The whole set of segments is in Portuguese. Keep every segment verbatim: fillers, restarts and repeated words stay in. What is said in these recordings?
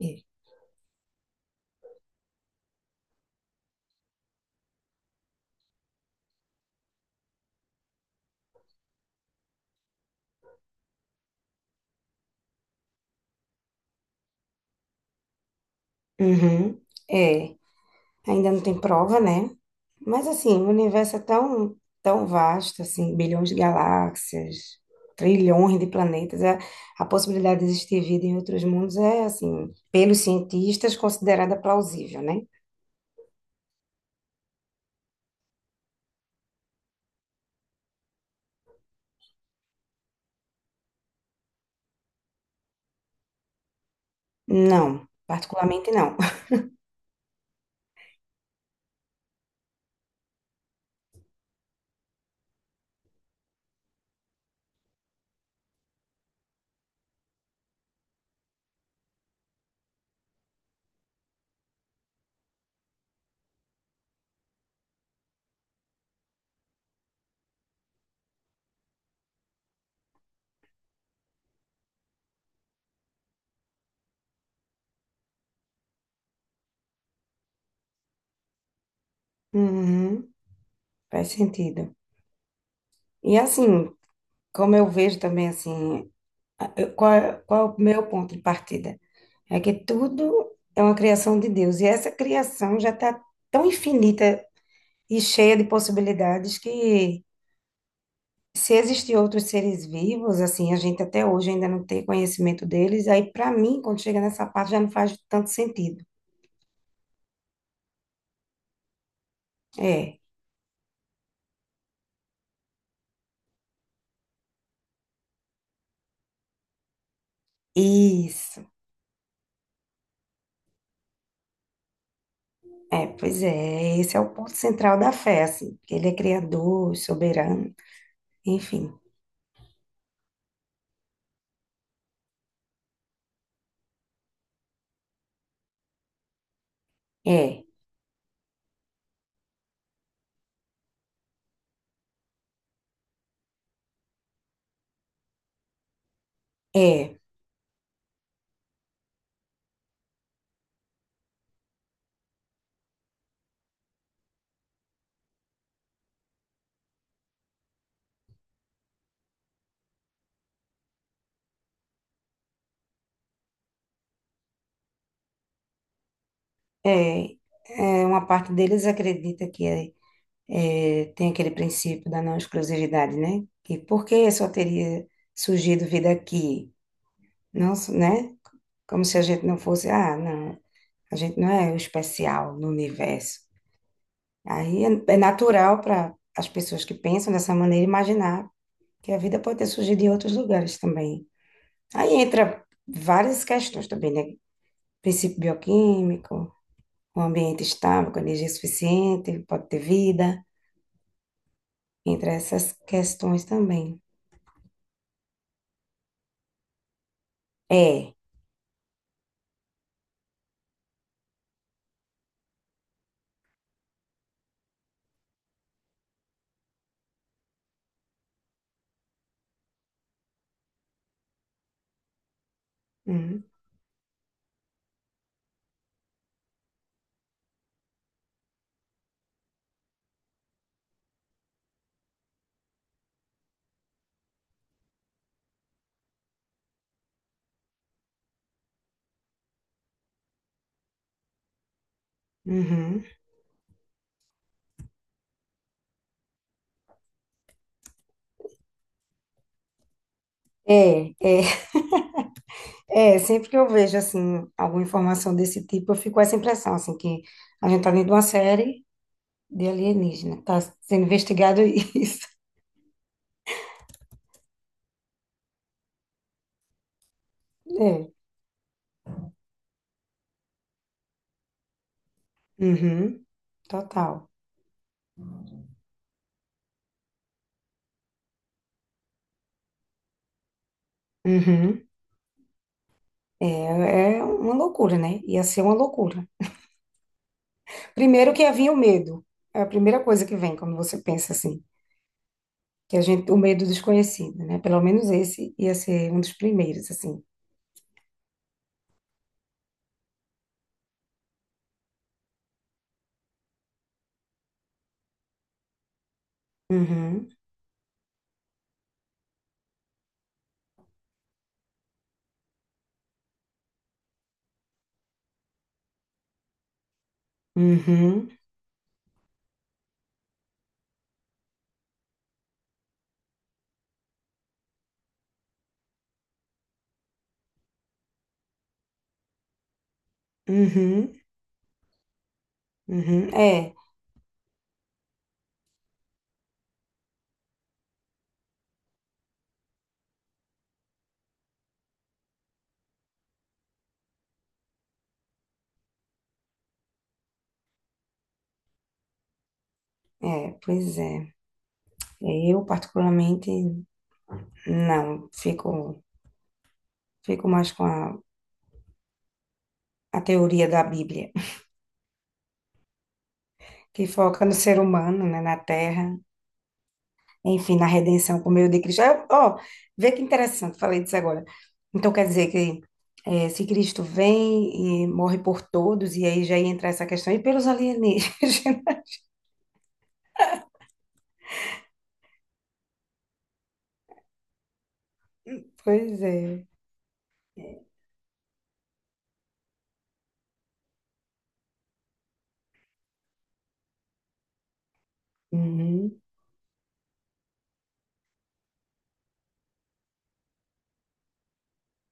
É. Uhum, é, ainda não tem prova, né? Mas assim, o universo é tão, tão vasto, assim, bilhões de galáxias, trilhões de planetas. A, a possibilidade de existir vida em outros mundos é, assim, pelos cientistas, considerada plausível, né? Não, particularmente não. Uhum, faz sentido. E assim, como eu vejo também, assim, a- eu- qual, é- qual é o meu ponto de partida? É que tudo é uma criação de Deus. E essa criação já está tão infinita e cheia de possibilidades que, se existir outros seres vivos, assim, a gente até hoje ainda não tem conhecimento deles. Aí, para mim, quando chega nessa parte, já não faz tanto sentido. É, isso. É, pois é. Esse é o ponto central da fé, assim. Que Ele é criador, soberano, enfim. É, é, é. É, uma parte deles acredita que é. É, tem aquele princípio da não exclusividade, né? Que por que só teria surgido vida aqui? Não, né? Como se a gente não fosse, ah, não, a gente não é o especial no universo. Aí é, é natural para as pessoas que pensam dessa maneira imaginar que a vida pode ter surgido em outros lugares também. Aí entra várias questões também, né? Princípio bioquímico, um ambiente estável, com energia suficiente, pode ter vida, entre essas questões também. É. Uhum. Uhum. É, é, é, sempre que eu vejo, assim, alguma informação desse tipo, eu fico com essa impressão, assim, que a gente tá dentro de uma série de alienígena, tá sendo investigado isso. É, uhum, total. Uhum. É é uma loucura, né? Ia ser uma loucura. Primeiro que havia o medo. É a primeira coisa que vem quando você pensa assim, que a gente, o medo desconhecido, né? Pelo menos esse ia ser um dos primeiros, assim. Uhum, uhum, uhum, uhum. É, é, pois é. É, eu, particularmente, não. Fico, fico mais com a, a teoria da Bíblia, que foca no ser humano, né, na terra, enfim, na redenção por meio de Cristo. Ah, ó, vê que interessante, falei disso agora. Então, quer dizer que eh, se Cristo vem e morre por todos, e aí já ia entrar essa questão, e pelos alienígenas? Pois é. É, uhum.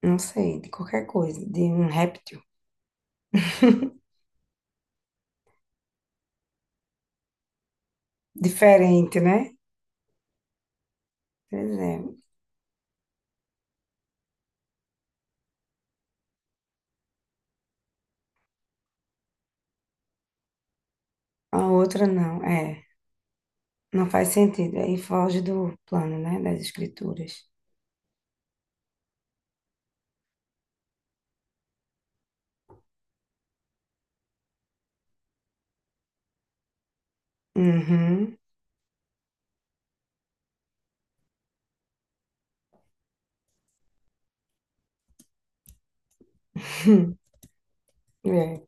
Não sei, de qualquer coisa, de um réptil. Diferente, né? Pois é. A outra não, é. Não faz sentido. Aí foge do plano, né? Das escrituras. Uhum. É.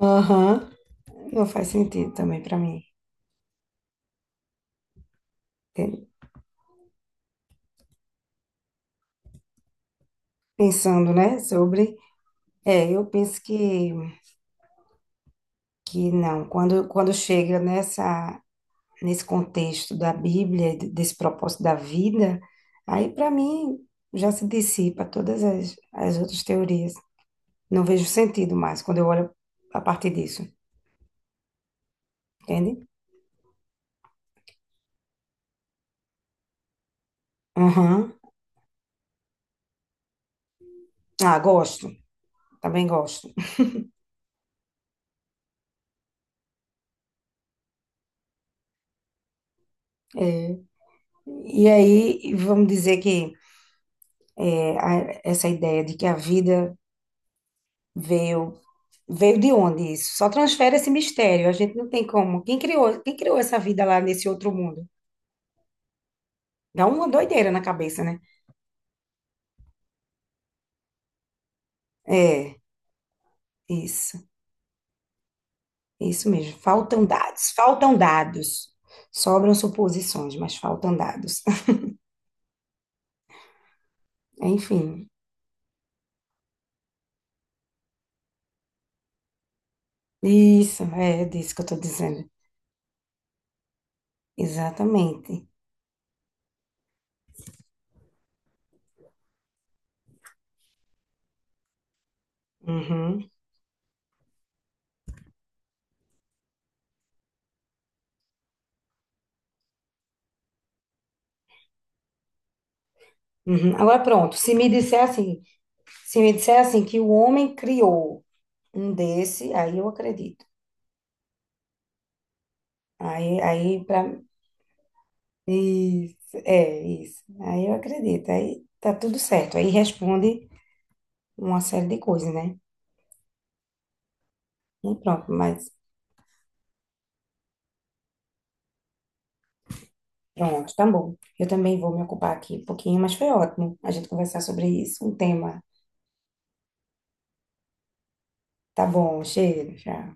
Aham. Não faz sentido também para mim. Tem- Pensando, né? Sobre. É, eu penso que, que, não. Quando, quando chega nessa, nesse contexto da Bíblia, de- desse propósito da vida, aí para mim já se dissipa todas as, as outras teorias. Não vejo sentido mais quando eu olho a partir disso, entende? Aham. Ah, gosto. Também gosto. É, e aí, vamos dizer que é, a- essa ideia de que a vida veio, veio de onde isso? Só transfere esse mistério, a gente não tem como. Quem criou, quem criou essa vida lá nesse outro mundo? Dá uma doideira na cabeça, né? É, isso, isso mesmo. Faltam dados, faltam dados. Sobram suposições, mas faltam dados. Enfim, isso, é disso que eu estou dizendo. Exatamente. Uhum, uhum. Agora pronto. se me disser assim, Se me disser assim que o homem criou um desse, aí eu acredito. Aí, aí para isso, é isso. Aí eu acredito. Aí tá tudo certo. Aí responde uma série de coisas, né? E pronto, mas pronto, tá bom. Eu também vou me ocupar aqui um pouquinho, mas foi ótimo a gente conversar sobre isso, um tema. Tá bom, chega, já.